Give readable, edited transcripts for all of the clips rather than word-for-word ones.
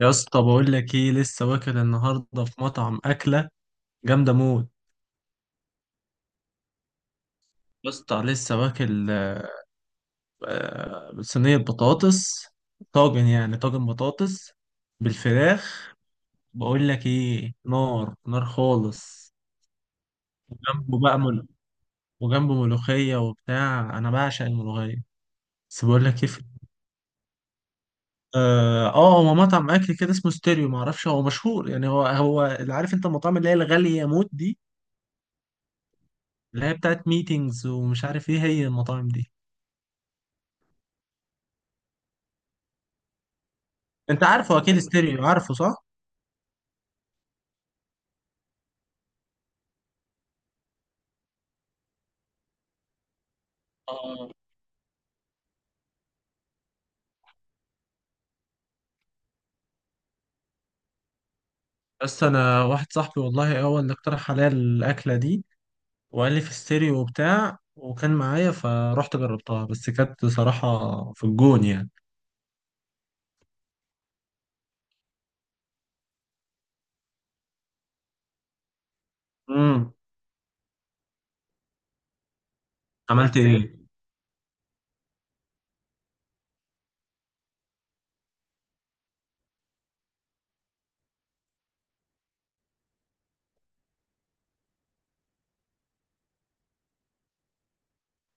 يا اسطى بقول لك ايه، لسه واكل النهارده في مطعم اكله جامده موت. يا اسطى لسه واكل صينيه بطاطس، طاجن، يعني طاجن بطاطس بالفراخ. بقول لك ايه، نار خالص. جنبه بقى وجنبه ملوخيه وبتاع، انا بعشق الملوخيه. بس بقول لك ايه هو مطعم اكل كده اسمه ستيريو، معرفش هو مشهور يعني، هو اللي عارف انت المطاعم اللي هي الغاليه موت دي، اللي هي بتاعت ميتينجز ومش عارف ايه هي المطاعم دي. انت عارفه اكيد كان ستيريو، عارفه صح؟ اه، بس انا واحد صاحبي والله هو اللي اقترح عليا الاكله دي، وقال لي في ستيريو وبتاع، وكان معايا، فرحت جربتها، بس كانت بصراحه في الجون يعني. امم، عملت ايه؟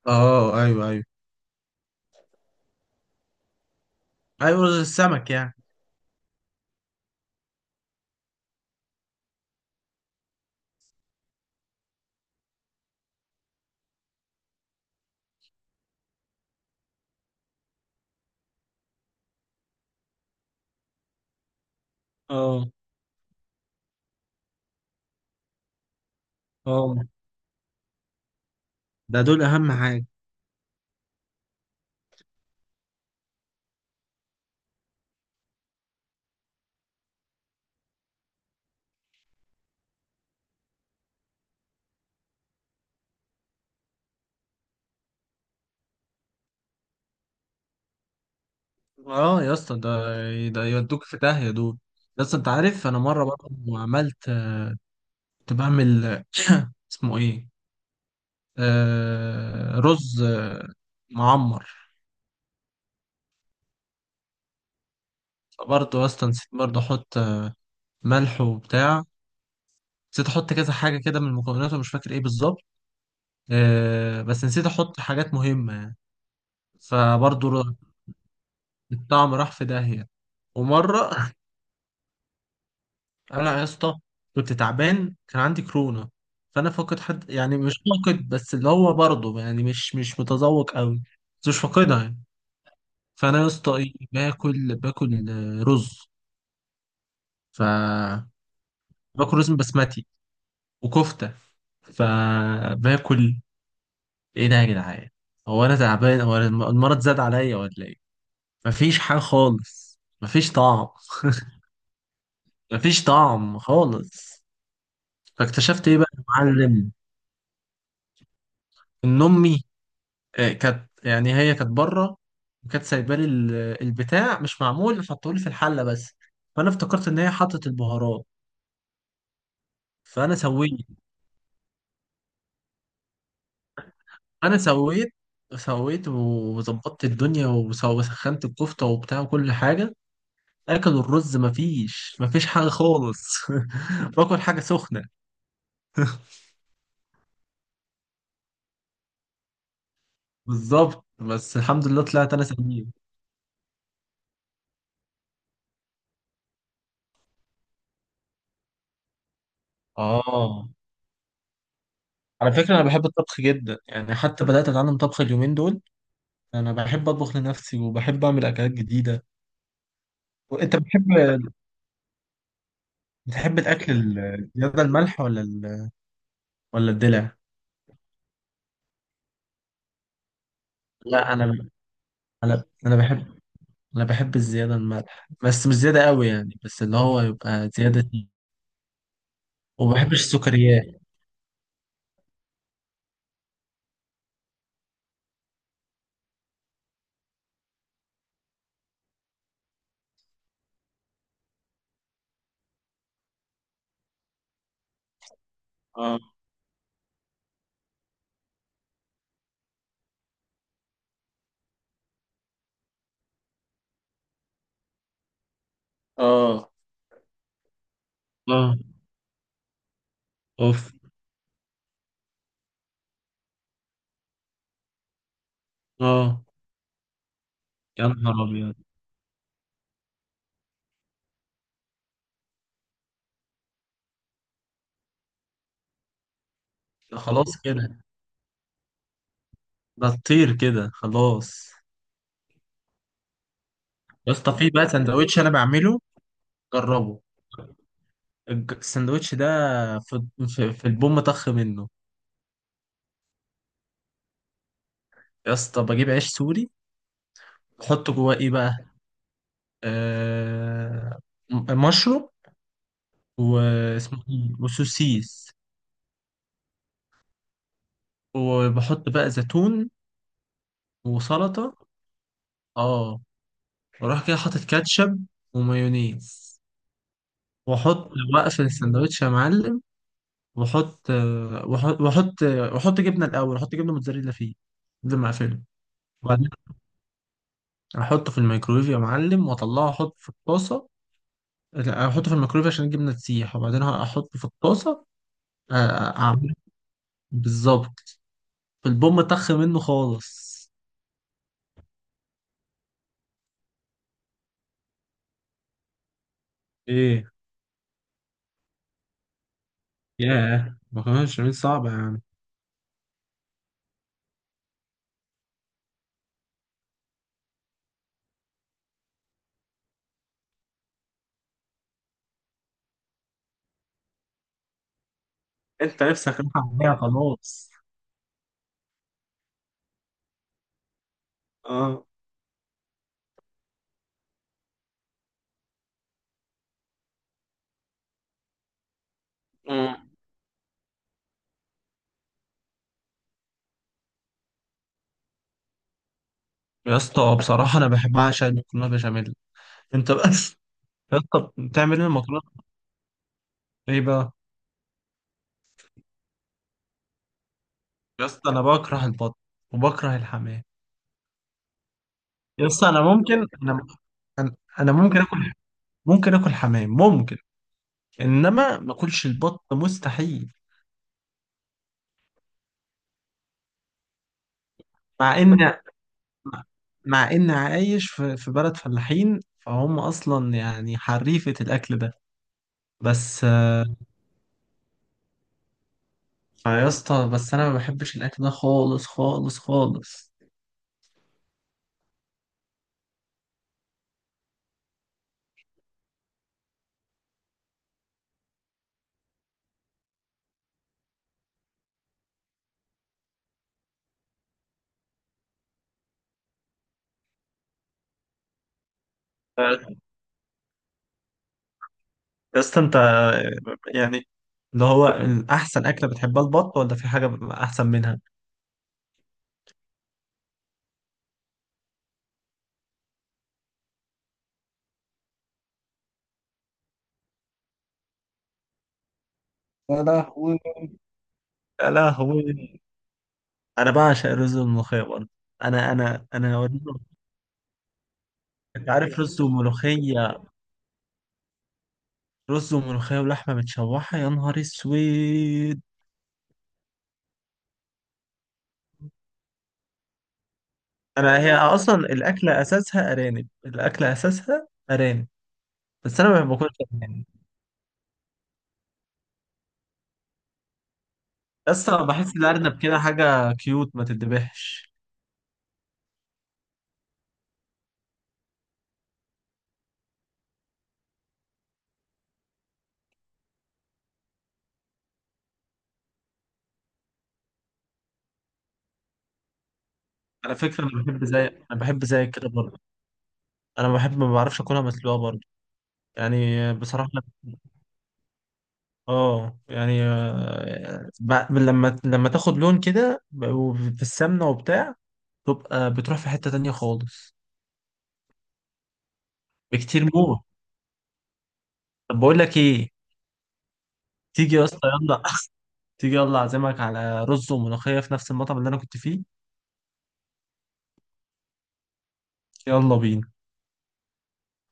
اه ايوه ايوه. ايوه رز السمك يعني. اه. اه، ده دول اهم حاجه. اه يا اسطى، ده ده يودوك في داهيه دول. بس انت عارف، انا مره برضه عملت، كنت بعمل اسمه ايه، آه، رز معمر. برضه اصلا نسيت برضه احط ملح وبتاع، نسيت احط كذا حاجه كده من المكونات، ومش فاكر ايه بالظبط، آه بس نسيت احط حاجات مهمه يعني. فبرضه ر- الطعم راح في داهيه. ومره انا يا اسطى كنت تعبان، كان عندي كورونا، فانا فاقد حد يعني، مش فاقد بس اللي هو برضه يعني مش متذوق قوي، بس مش فاقدها يعني. فانا يا اسطى ايه، باكل رز، ف باكل رز بسمتي وكفته، فباكل، ايه ده يا جدعان؟ هو انا تعبان، هو أنا المرض زاد عليا ولا ايه؟ مفيش حاجه خالص، مفيش طعم. مفيش طعم خالص. فاكتشفت ايه بقى يا معلم، ان امي كانت يعني، هي كانت بره، وكانت سايبه لي البتاع مش معمول، حطولي في الحله بس، فانا افتكرت ان هي حطت البهارات. فانا سويت انا سويت سويت وظبطت الدنيا، وسخنت الكفته وبتاع وكل حاجه، اكلوا الرز، مفيش حاجه خالص. باكل حاجه سخنه. بالظبط، بس الحمد لله طلعت انا سليم. اه، على فكره انا بحب الطبخ جدا يعني، حتى بدات اتعلم طبخ اليومين دول. انا بحب اطبخ لنفسي، وبحب اعمل اكلات جديده. وانت بتحب، بتحب الاكل الزياده الملح ولا ولا الدلع؟ لا انا، انا بحب، انا بحب الزياده الملح، بس مش زياده قوي يعني، بس اللي هو يبقى زياده. وما بحبش السكريات. اه. اه. اه. اوف. اه. يا نهار ابيض. ده خلاص كده، ده تطير كده خلاص. يا اسطى، في بقى سندوتش انا بعمله، جربه، السندوتش ده في، في البوم طخ منه. يا اسطى بجيب عيش سوري، بحط جواه ايه بقى، آه، مشروم، واسمه إيه؟ وسوسيس، وبحط بقى زيتون، وسلطة. اه، واروح كده حاطط كاتشب ومايونيز، واحط بقى في السندوتش يا معلم، واحط واحط جبنه الاول، احط جبنه موتزاريلا فيه قبل ما اقفله، وبعدين احطه في الميكرويف يا معلم، واطلعه احطه في الطاسه. لا، احطه في الميكرويف عشان الجبنه تسيح، وبعدين احطه في الطاسه. أ- اعمله بالظبط، البوم طخ منه خالص. ايه؟ ياه، مكرونه بشاميل صعبه يعني. انت نفسك رايحة عليها خلاص. اه. آه. يا اسطى بصراحه انا بحب بعشق المكرونه بشاميل، انت بس يا اسطى بتعمل ايه المكرونه؟ ايه بقى؟ يا اسطى انا بكره البط وبكره الحمام. يا اسطى انا ممكن انا، انا ممكن اكل، ممكن اكل حمام ممكن، انما ما اكلش البط مستحيل. مع ان مع ان عايش في في بلد فلاحين، فهم اصلا يعني حريفة الاكل ده. بس فيا اسطى بس انا ما بحبش الاكل ده خالص خالص خالص. آه، يا اسطى انت يعني اللي هو احسن اكله بتحبها البط، ولا في حاجه احسن منها؟ يا لهوي. يا لهوي، انا بعشق رز الملوخيه برضه. انا هوريك. انت عارف، رز وملوخيه، رز وملوخيه ولحمه متشوحه، يا نهار اسود. انا هي اصلا الاكله اساسها ارانب الاكله اساسها ارانب. بس انا ما باكلش ارانب. بس أنا بحس الارنب كده حاجه كيوت، ما تتذبحش. على فكره انا بحب زي، انا بحب زي كده برضه. انا بحب، ما بعرفش اكلها مسلوقه برضه، يعني بصراحه اه يعني، لما تاخد لون كده وفي السمنه وبتاع، تبقى بتروح في حته تانية خالص. بكتير موت. طب بقول لك ايه، تيجي يا اسطى، يلا تيجي يلا، اعزمك على رز وملوخيه في نفس المطعم اللي انا كنت فيه. يلا بينا.